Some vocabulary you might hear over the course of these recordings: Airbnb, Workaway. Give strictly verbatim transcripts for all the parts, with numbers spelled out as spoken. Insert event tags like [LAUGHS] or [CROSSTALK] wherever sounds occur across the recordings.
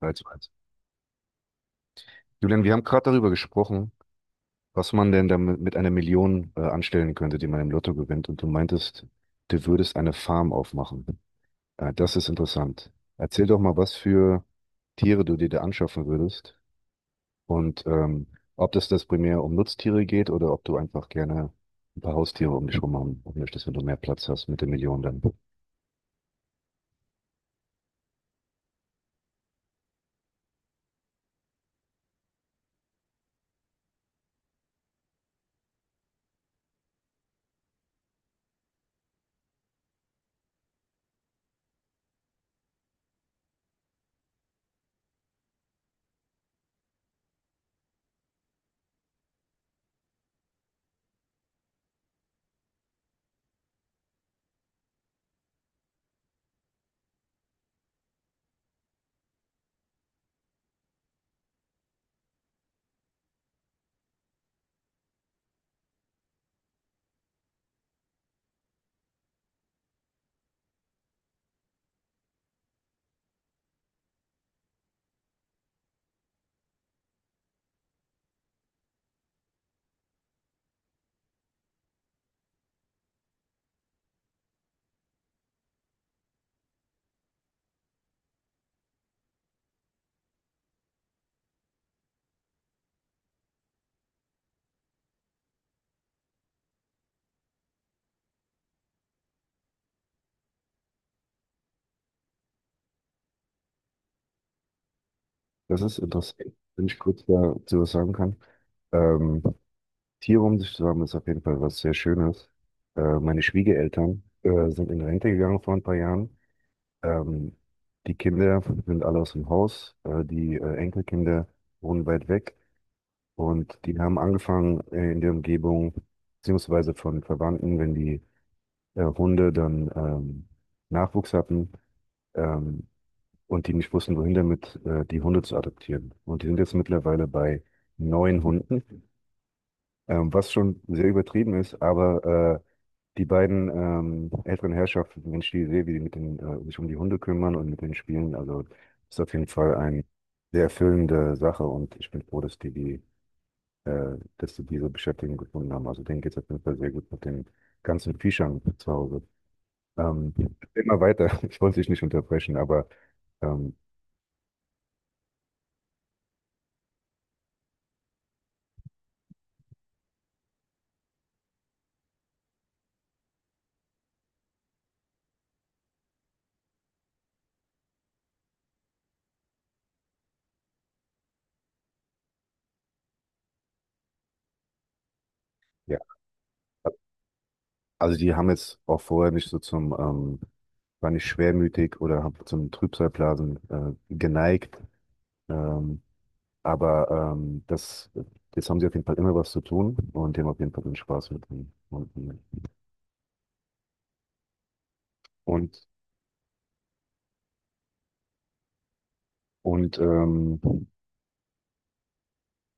drei zu eins. Julian, wir haben gerade darüber gesprochen, was man denn damit mit einer Million äh, anstellen könnte, die man im Lotto gewinnt. Und du meintest, du würdest eine Farm aufmachen. Äh, das ist interessant. Erzähl doch mal, was für Tiere du dir da anschaffen würdest und ähm, ob das das primär um Nutztiere geht oder ob du einfach gerne ein paar Haustiere um dich rum haben möchtest, wenn du mehr Platz hast mit der Million dann. Das ist interessant, wenn ich kurz dazu was sagen kann. Ähm, Tiere um sich zu haben, ist auf jeden Fall was sehr Schönes. Äh, meine Schwiegereltern äh, sind in Rente gegangen vor ein paar Jahren. Ähm, Die Kinder sind alle aus dem Haus. Äh, die äh, Enkelkinder wohnen weit weg. Und die haben angefangen äh, in der Umgebung, beziehungsweise von Verwandten, wenn die äh, Hunde dann ähm, Nachwuchs hatten ähm, und die nicht wussten, wohin damit, äh, die Hunde zu adoptieren. Und die sind jetzt mittlerweile bei neun Hunden, ähm, was schon sehr übertrieben ist, aber äh, die beiden ähm, älteren Herrschaften, wenn ich die sehe, wie die mit den, äh, sich um die Hunde kümmern und mit den Spielen, also ist auf jeden Fall eine sehr erfüllende Sache und ich bin froh, dass die, die äh, dass sie diese Beschäftigung gefunden haben. Also denen geht es auf jeden Fall sehr gut mit den ganzen Viechern zu Hause. Ähm, Immer weiter, [LAUGHS] ich wollte dich nicht unterbrechen, aber ähm, ja, also die haben jetzt auch vorher nicht so zum, ähm, war nicht schwermütig oder hab zum Trübsalblasen äh, geneigt. Ähm, Aber ähm, das, jetzt haben sie auf jeden Fall immer was zu tun und die haben auf jeden Fall den Spaß mit den Hunden. Und, und ähm,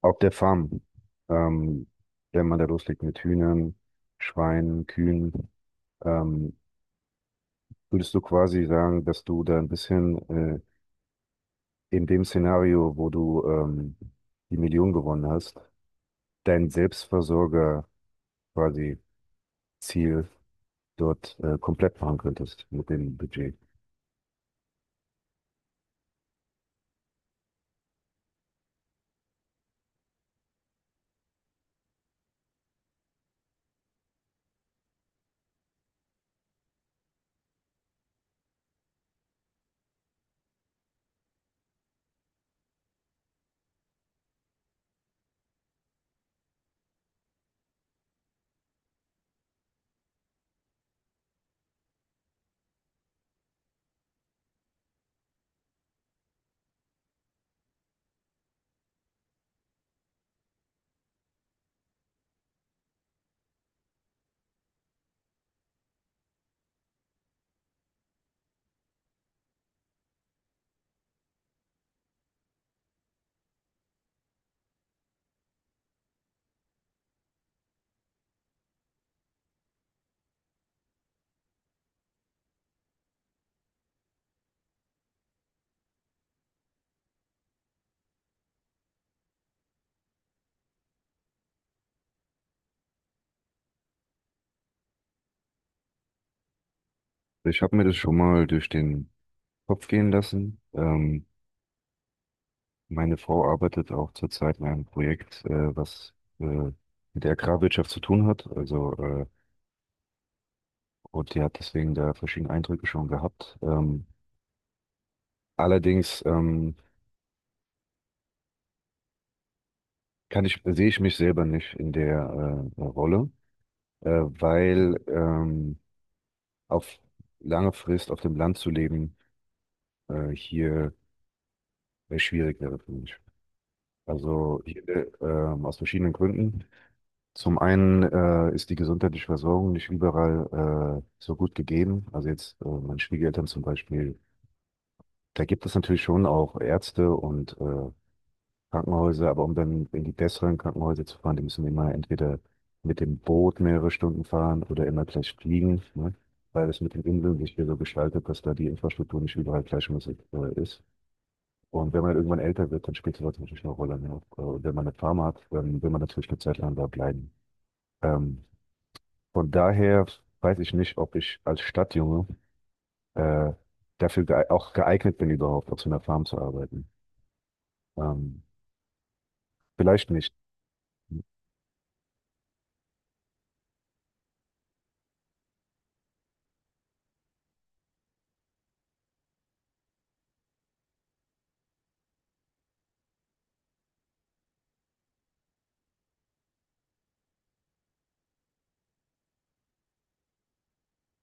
auf der Farm, ähm, wenn man da loslegt mit Hühnern, Schweinen, Kühen, ähm, würdest du quasi sagen, dass du da ein bisschen äh, in dem Szenario, wo du ähm, die Million gewonnen hast, dein Selbstversorger quasi Ziel dort äh, komplett machen könntest mit dem Budget? Ich habe mir das schon mal durch den Kopf gehen lassen. Ähm, meine Frau arbeitet auch zurzeit in einem Projekt, äh, was äh, mit der Agrarwirtschaft zu tun hat. Also, äh, und die hat deswegen da verschiedene Eindrücke schon gehabt. Ähm, allerdings ähm, kann ich, sehe ich mich selber nicht in der äh, Rolle, äh, weil ähm, auf lange Frist auf dem Land zu leben äh, hier äh, schwierig wäre für mich. Also hier, ähm, aus verschiedenen Gründen. Zum einen äh, ist die gesundheitliche Versorgung nicht überall äh, so gut gegeben. Also jetzt äh, meine Schwiegereltern zum Beispiel, da gibt es natürlich schon auch Ärzte und äh, Krankenhäuser, aber um dann in die besseren Krankenhäuser zu fahren, die müssen immer entweder mit dem Boot mehrere Stunden fahren oder immer gleich fliegen, ne? Weil es mit den Inseln sich hier so gestaltet, dass da die Infrastruktur nicht überall gleichmäßig äh, ist. Und wenn man irgendwann älter wird, dann spielt sowas natürlich eine Rolle. Ne? Äh, Und wenn man eine Farm hat, dann will man natürlich eine Zeit lang da bleiben. Ähm, Von daher weiß ich nicht, ob ich als Stadtjunge äh, dafür gee auch geeignet bin, überhaupt auf so einer Farm zu arbeiten. Ähm, Vielleicht nicht.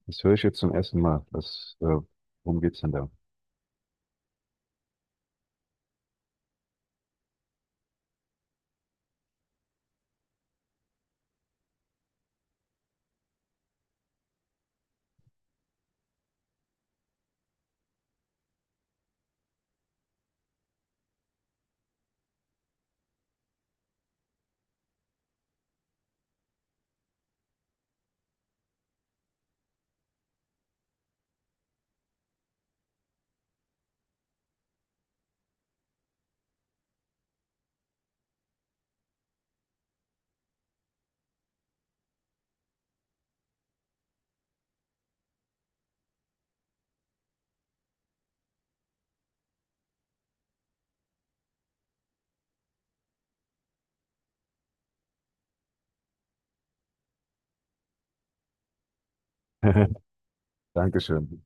Das höre ich jetzt zum ersten Mal. Das, äh, worum geht's denn da? [LAUGHS] Dankeschön.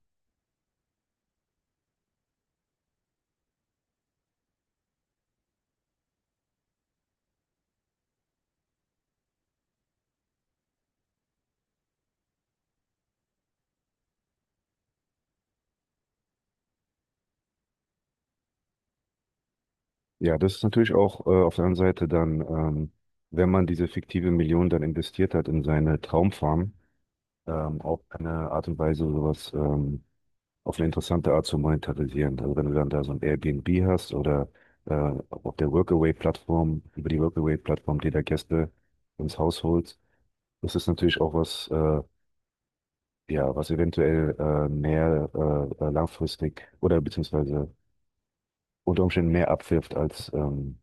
Ja, das ist natürlich auch äh, auf der anderen Seite dann, ähm, wenn man diese fiktive Million dann investiert hat in seine Traumfarm, ähm, auch eine Art und Weise, sowas ähm, auf eine interessante Art zu monetarisieren. Also wenn du dann da so ein Airbnb hast oder äh, auf der Workaway-Plattform, über die Workaway-Plattform dir da Gäste ins Haus holst, das ist natürlich auch was, äh, ja, was eventuell äh, mehr äh, äh, langfristig oder beziehungsweise unter Umständen mehr abwirft, als ähm,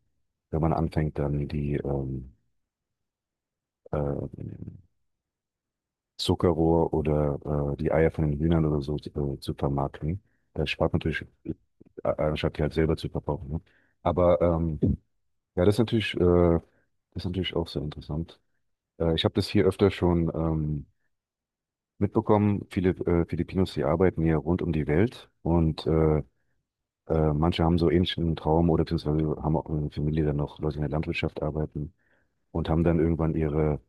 wenn man anfängt, dann die ähm, äh, Zuckerrohr oder äh, die Eier von den Hühnern oder so äh, zu vermarkten. Das spart natürlich, äh, äh, anstatt die halt selber zu verbrauchen. Ne? Aber ähm, ja, das ist natürlich, äh, das ist natürlich auch sehr interessant. Äh, ich habe das hier öfter schon ähm, mitbekommen. Viele äh, Filipinos, die arbeiten hier rund um die Welt und äh, äh, manche haben so ähnlichen Traum oder beziehungsweise haben auch eine Familie, dann noch Leute in der Landwirtschaft arbeiten und haben dann irgendwann ihre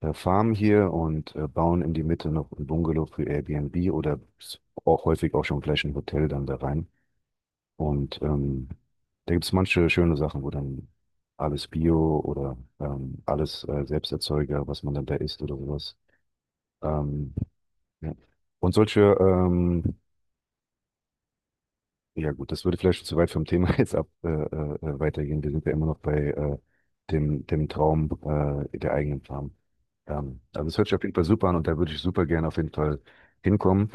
äh, Farm hier und äh, bauen in die Mitte noch ein Bungalow für Airbnb oder s- auch häufig auch schon gleich ein Hotel dann da rein. Und ähm, da gibt es manche schöne Sachen, wo dann alles Bio oder ähm, alles äh, Selbsterzeuger, was man dann da isst oder sowas. Ähm, ja. Und solche ähm, Ja gut, das würde vielleicht schon zu weit vom Thema [LAUGHS] jetzt ab äh, äh, äh, weitergehen. Wir sind ja immer noch bei äh, dem, dem Traum äh, der eigenen Farm. Ähm, also es hört sich auf jeden Fall super an und da würde ich super gerne auf jeden Fall hinkommen.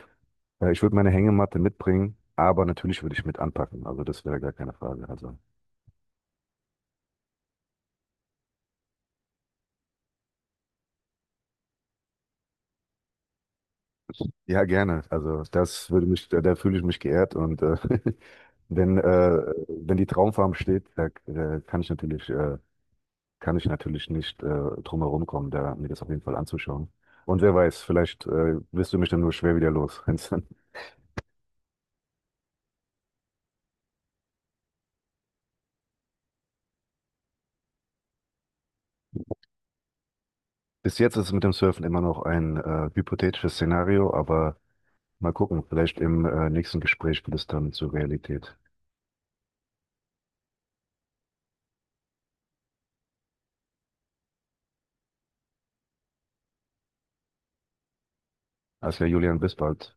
Äh, ich würde meine Hängematte mitbringen, aber natürlich würde ich mit anpacken. Also das wäre gar keine Frage. Also ja, gerne. Also das würde mich, da, da fühle ich mich geehrt und äh, [LAUGHS] wenn, äh, wenn die Traumfarm steht, da äh, kann ich natürlich äh, kann ich natürlich nicht äh, drum herum kommen, da mir das auf jeden Fall anzuschauen. Und wer weiß, vielleicht äh, wirst du mich dann nur schwer wieder los, wenn's dann- [LAUGHS] Bis jetzt ist es mit dem Surfen immer noch ein äh, hypothetisches Szenario, aber mal gucken, vielleicht im äh, nächsten Gespräch wird es dann zur Realität. Also ja, Julian, bis bald.